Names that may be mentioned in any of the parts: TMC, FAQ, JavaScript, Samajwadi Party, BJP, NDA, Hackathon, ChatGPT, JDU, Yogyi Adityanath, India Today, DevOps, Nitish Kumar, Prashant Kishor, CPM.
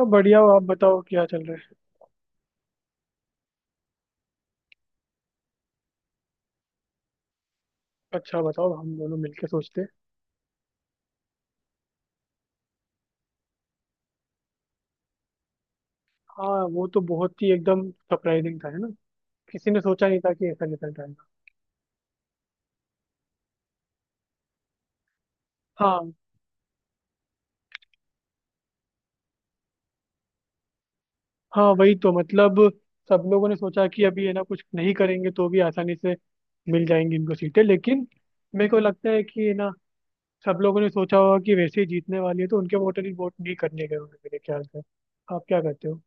अब बढ़िया हो, आप बताओ क्या चल रहा है। अच्छा बताओ, हम दोनों मिलके सोचते हैं। हाँ वो तो बहुत ही एकदम सरप्राइजिंग था, है ना। किसी ने सोचा नहीं था कि ऐसा रिजल्ट आएगा। हाँ। हाँ वही तो मतलब, सब लोगों ने सोचा कि अभी है ना कुछ नहीं करेंगे तो भी आसानी से मिल जाएंगी इनको सीटें, लेकिन मेरे को लगता है कि है ना सब लोगों ने सोचा होगा कि वैसे ही जीतने वाली है, तो उनके वोटर ही वोट नहीं करने गए होंगे मेरे ख्याल से। आप क्या करते हो?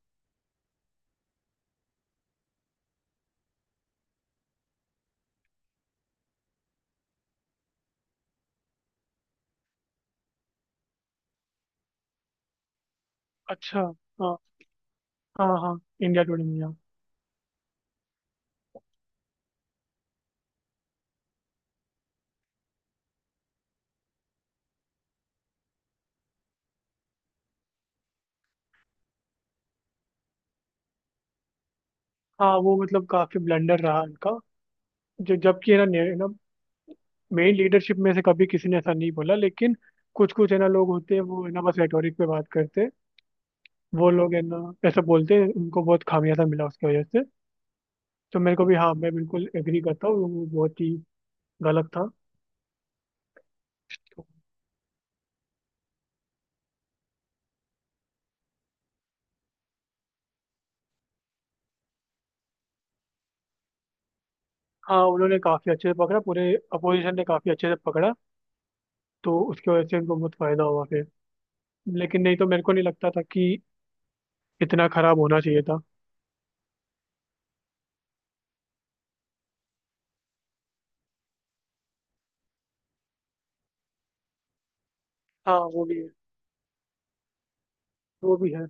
अच्छा। हाँ हाँ हाँ, इंडिया टुडे में, हाँ। हाँ, वो मतलब काफी ब्लंडर रहा इनका जो, जबकि है ना ना, मेन लीडरशिप में से कभी किसी ने ऐसा नहीं बोला, लेकिन कुछ कुछ है ना लोग होते हैं, वो है ना बस रेटोरिक पे बात करते हैं। वो लोग है ना ऐसा बोलते हैं, उनको बहुत खामियाजा मिला उसकी वजह से। तो मेरे को भी, हाँ, मैं बिल्कुल एग्री करता हूँ, वो बहुत ही गलत था। हाँ उन्होंने काफी अच्छे से पकड़ा, पूरे अपोजिशन ने काफी अच्छे से पकड़ा। तो उसकी वजह से उनको बहुत फायदा हुआ फिर। लेकिन नहीं, तो मेरे को नहीं लगता था कि इतना खराब होना चाहिए था। हाँ, वो भी है। वो भी है।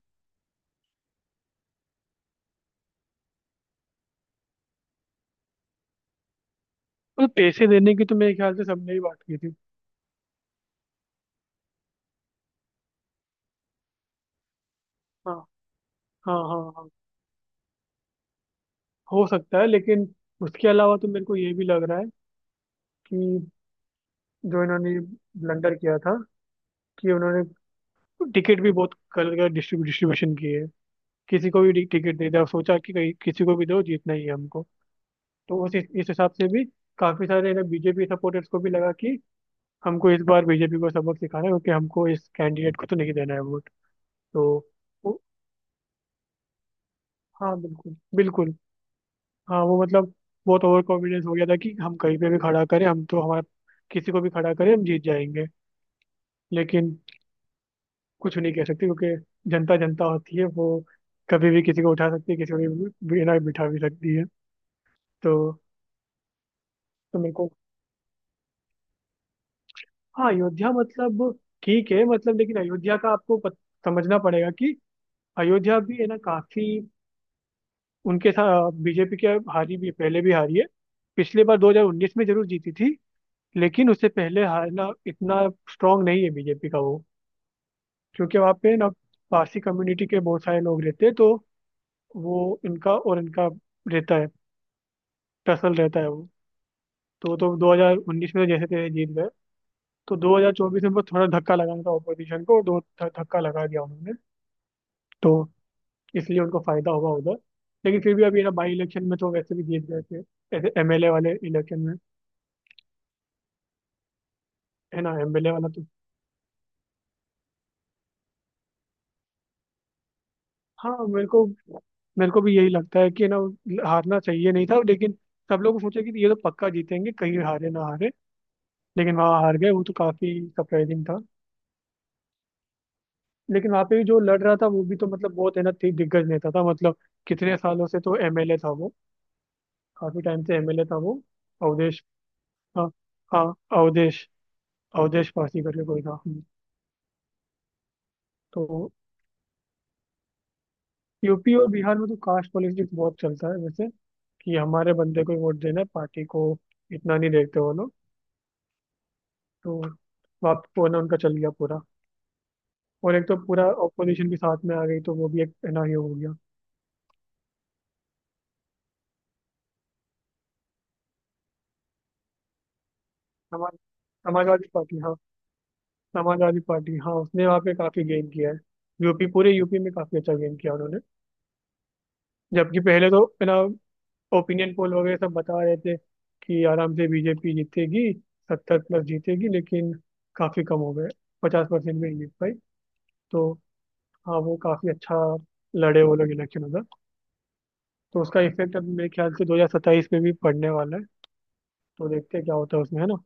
और पैसे देने की तो मेरे ख्याल से सबने ही बात की थी। हाँ हाँ हाँ। हाँ, हो सकता है, लेकिन उसके अलावा तो मेरे को ये भी लग रहा है कि जो इन्होंने ब्लंडर किया था, कि उन्होंने टिकट भी बहुत गलत डिस्ट्रीब्यूशन की है, किसी को भी टिकट दे दिया, सोचा कि कहीं किसी को भी दो, जीतना ही है हमको। तो उस इस हिसाब से भी काफी सारे ना बीजेपी सपोर्टर्स को भी लगा कि हमको इस बार बीजेपी को सबक सिखाना है, क्योंकि हमको इस कैंडिडेट को तो नहीं देना है वोट। तो वो, हाँ बिल्कुल बिल्कुल। हाँ वो मतलब बहुत ओवर कॉन्फिडेंस हो गया था कि हम कहीं पे भी खड़ा करें, हम तो हमारा किसी को भी खड़ा करें हम जीत जाएंगे। लेकिन कुछ नहीं कह सकते क्योंकि जनता जनता होती है वो, कभी भी किसी को उठा सकती है, किसी को भी बिना बिठा भी सकती है। तो तो मेरे को, हाँ, अयोध्या मतलब ठीक है मतलब, लेकिन अयोध्या का आपको समझना पड़ेगा कि अयोध्या भी है ना, काफी उनके साथ बीजेपी के हारी भी, पहले भी हारी है। पिछले बार 2019 में जरूर जीती थी, लेकिन उससे पहले हारना इतना स्ट्रांग नहीं है बीजेपी का वो, क्योंकि वहाँ पे ना पारसी कम्युनिटी के बहुत सारे लोग रहते हैं, तो वो इनका और इनका रहता है, टसल रहता है वो। तो 2019 में तो जैसे थे, जीत गए। तो 2024 में उनको थोड़ा धक्का लगाना था ऑपोजिशन को, धक्का लगा दिया उन्होंने। तो इसलिए उनको फायदा होगा उधर, लेकिन फिर भी अभी ना बाई इलेक्शन में तो वैसे भी जीत गए थे, ऐसे एमएलए वाले इलेक्शन में, है ना एमएलए वाला तो। हाँ मेरे को, मेरे को भी यही लगता है कि ना हारना चाहिए नहीं था, लेकिन सब लोग सोचे कि ये तो पक्का जीतेंगे, कहीं हारे ना हारे। लेकिन वहाँ हार गए, वो तो काफी सरप्राइजिंग था। लेकिन वहाँ पे भी जो लड़ रहा था वो भी तो मतलब, बहुत है ना दिग्गज नेता था मतलब। कितने सालों से तो एमएलए था वो, काफी टाइम से एमएलए था वो। अवधेश। हाँ। हाँ। अवधेश। अवधेश पासी करके कोई था, हम्म। तो यूपी और बिहार में तो कास्ट पॉलिटिक्स बहुत चलता है वैसे, कि हमारे बंदे को ही वोट देना है, पार्टी को इतना नहीं देखते वो लोग। तो वापस वो ना उनका चल गया पूरा, और एक तो पूरा ऑपोजिशन भी साथ में आ गई, तो वो भी एक है ना ये हो गया। समाज समाजवादी पार्टी, हाँ। समाजवादी पार्टी, हाँ, उसने वहाँ पे काफी गेन किया है, यूपी पूरे यूपी में काफी अच्छा गेन किया उन्होंने। जबकि पहले तो है ना ओपिनियन पोल वगैरह सब बता रहे थे कि आराम से बीजेपी जीतेगी, 70 प्लस जीतेगी, लेकिन काफी कम हो गए, 50% में ही जीत पाई। तो हाँ वो काफी अच्छा लड़े वो लोग इलेक्शन उधर। तो उसका इफेक्ट अब मेरे ख्याल से 2027 में भी पड़ने वाला है। तो देखते हैं क्या होता है उसमें, है ना।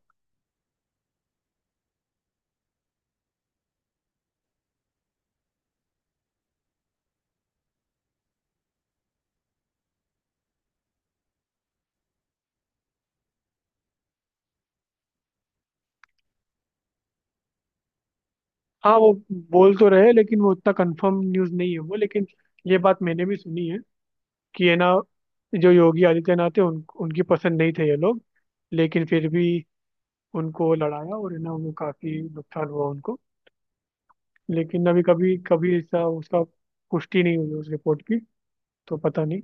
हाँ वो बोल तो रहे हैं, लेकिन वो उतना कंफर्म न्यूज़ नहीं है वो, लेकिन ये बात मैंने भी सुनी है कि है ना जो योगी आदित्यनाथ है, उनकी पसंद नहीं थे ये लोग। लेकिन फिर भी उनको लड़ाया, और है ना उनको काफी नुकसान हुआ उनको। लेकिन अभी कभी कभी ऐसा, उसका पुष्टि नहीं हुई उस रिपोर्ट की, तो पता नहीं।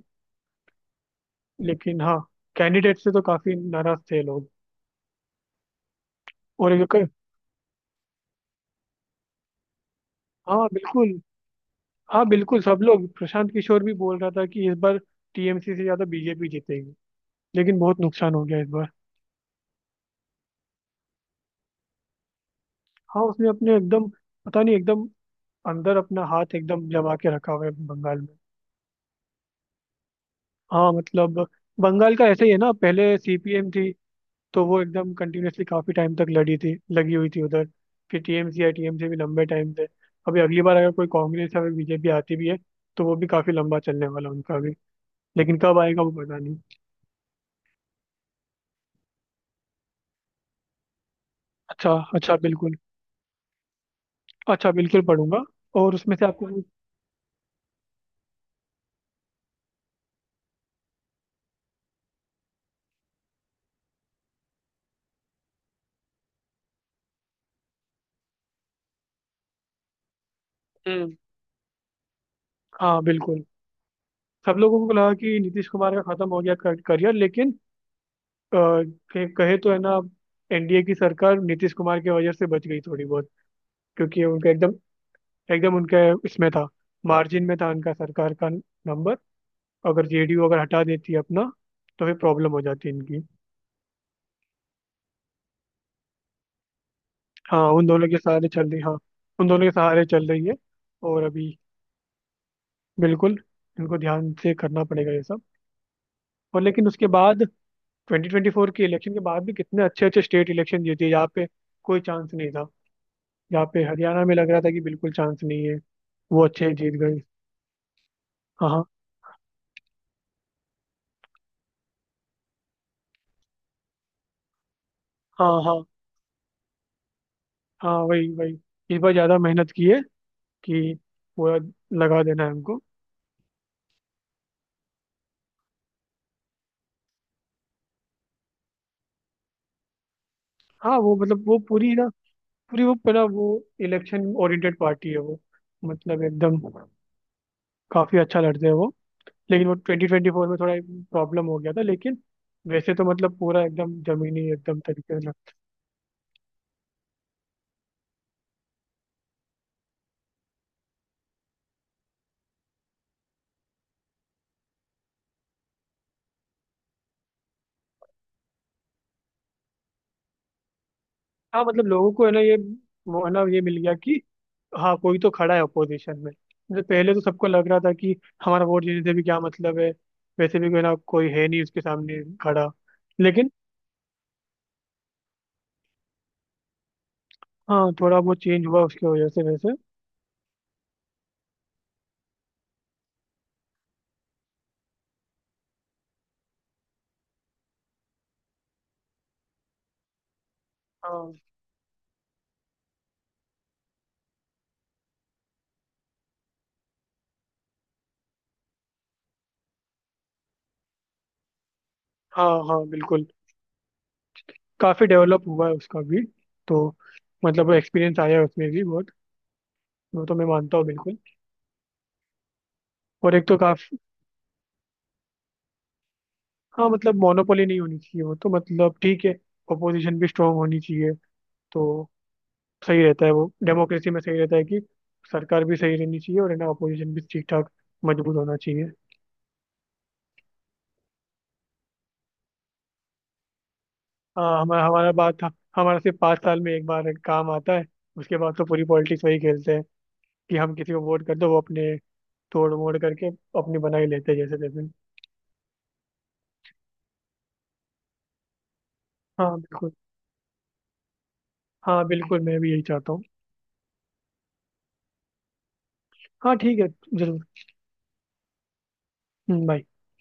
लेकिन हाँ, कैंडिडेट से तो काफी नाराज थे लोग। और एक, हाँ बिल्कुल। हाँ बिल्कुल, सब लोग, प्रशांत किशोर भी बोल रहा था कि इस बार टीएमसी से ज्यादा बीजेपी जीतेगी, लेकिन बहुत नुकसान हो गया इस बार। हाँ उसने अपने एकदम, पता नहीं, एकदम अंदर अपना हाथ एकदम जमा के रखा हुआ है बंगाल में। हाँ मतलब बंगाल का ऐसे ही है ना, पहले सीपीएम थी, तो वो एकदम कंटिन्यूअसली काफी टाइम तक लड़ी थी, लगी हुई थी उधर। फिर टीएमसी, या टीएमसी भी लंबे टाइम से। अभी अगली बार अगर कोई कांग्रेस या फिर बीजेपी आती भी है, तो वो भी काफी लंबा चलने वाला उनका भी, लेकिन कब आएगा वो पता नहीं। अच्छा अच्छा, बिल्कुल, अच्छा बिल्कुल पढ़ूंगा। और उसमें से आपको। हम्म। हाँ बिल्कुल, सब लोगों को लगा कि नीतीश कुमार का खत्म हो गया करियर, लेकिन कहे कहे तो है ना एनडीए की सरकार नीतीश कुमार की वजह से बच गई थोड़ी बहुत। क्योंकि उनका एकदम, एकदम उनके इसमें था, मार्जिन में था उनका सरकार का नंबर। अगर जेडीयू अगर हटा देती है अपना, तो फिर प्रॉब्लम हो जाती इनकी। हाँ उन दोनों के सहारे चल रही, हाँ। उन दोनों के सहारे चल रही है, और अभी बिल्कुल इनको ध्यान से करना पड़ेगा ये सब। और लेकिन उसके बाद 2024 के इलेक्शन के बाद भी कितने अच्छे अच्छे स्टेट इलेक्शन जीते यहाँ पे, कोई चांस नहीं था। यहाँ पे हरियाणा में लग रहा था कि बिल्कुल चांस नहीं है, वो अच्छे जीत गए। हाँ हाँ। हाँ हाँ। हाँ वही वही, इस बार ज्यादा मेहनत की है, कि पूरा लगा देना है हमको। हाँ वो मतलब वो पूरी ना, पूरी वो पूरा वो इलेक्शन ओरिएंटेड पार्टी है वो, मतलब एकदम काफी अच्छा लड़ते हैं वो। लेकिन वो 2024 में थोड़ा प्रॉब्लम हो गया था, लेकिन वैसे तो मतलब पूरा एकदम जमीनी एकदम तरीके से हाँ मतलब लोगों को है ना ये, वो है ना ये मिल गया कि हाँ, कोई तो खड़ा है अपोजिशन में। मतलब पहले तो सबको लग रहा था कि हमारा वोट जीतने से भी क्या मतलब है, वैसे भी कोई ना कोई है नहीं उसके सामने खड़ा। लेकिन हाँ, थोड़ा बहुत चेंज हुआ उसकी वजह से वैसे। हाँ हाँ हाँ बिल्कुल। काफ़ी डेवलप हुआ है उसका भी। तो मतलब एक्सपीरियंस आया है उसमें भी बहुत, वो तो मैं मानता हूँ बिल्कुल। और एक तो काफ़ी, हाँ मतलब मोनोपोली नहीं होनी चाहिए वो तो, मतलब ठीक है, अपोजिशन भी स्ट्रांग होनी चाहिए। तो सही रहता है वो, डेमोक्रेसी में सही रहता है कि सरकार भी सही रहनी चाहिए, और है ना अपोजिशन भी ठीक ठाक मजबूत होना चाहिए। हाँ हमारा हमारा बात, हमारा सिर्फ 5 साल में एक बार काम आता है। उसके बाद तो पूरी पॉलिटिक्स वही खेलते हैं कि हम किसी को वोट कर दो, वो अपने तोड़ मोड़ करके अपनी बना ही लेते हैं जैसे तैसे। हाँ बिल्कुल। हाँ बिल्कुल, मैं भी यही चाहता हूँ। हाँ ठीक है, जरूर। बाय।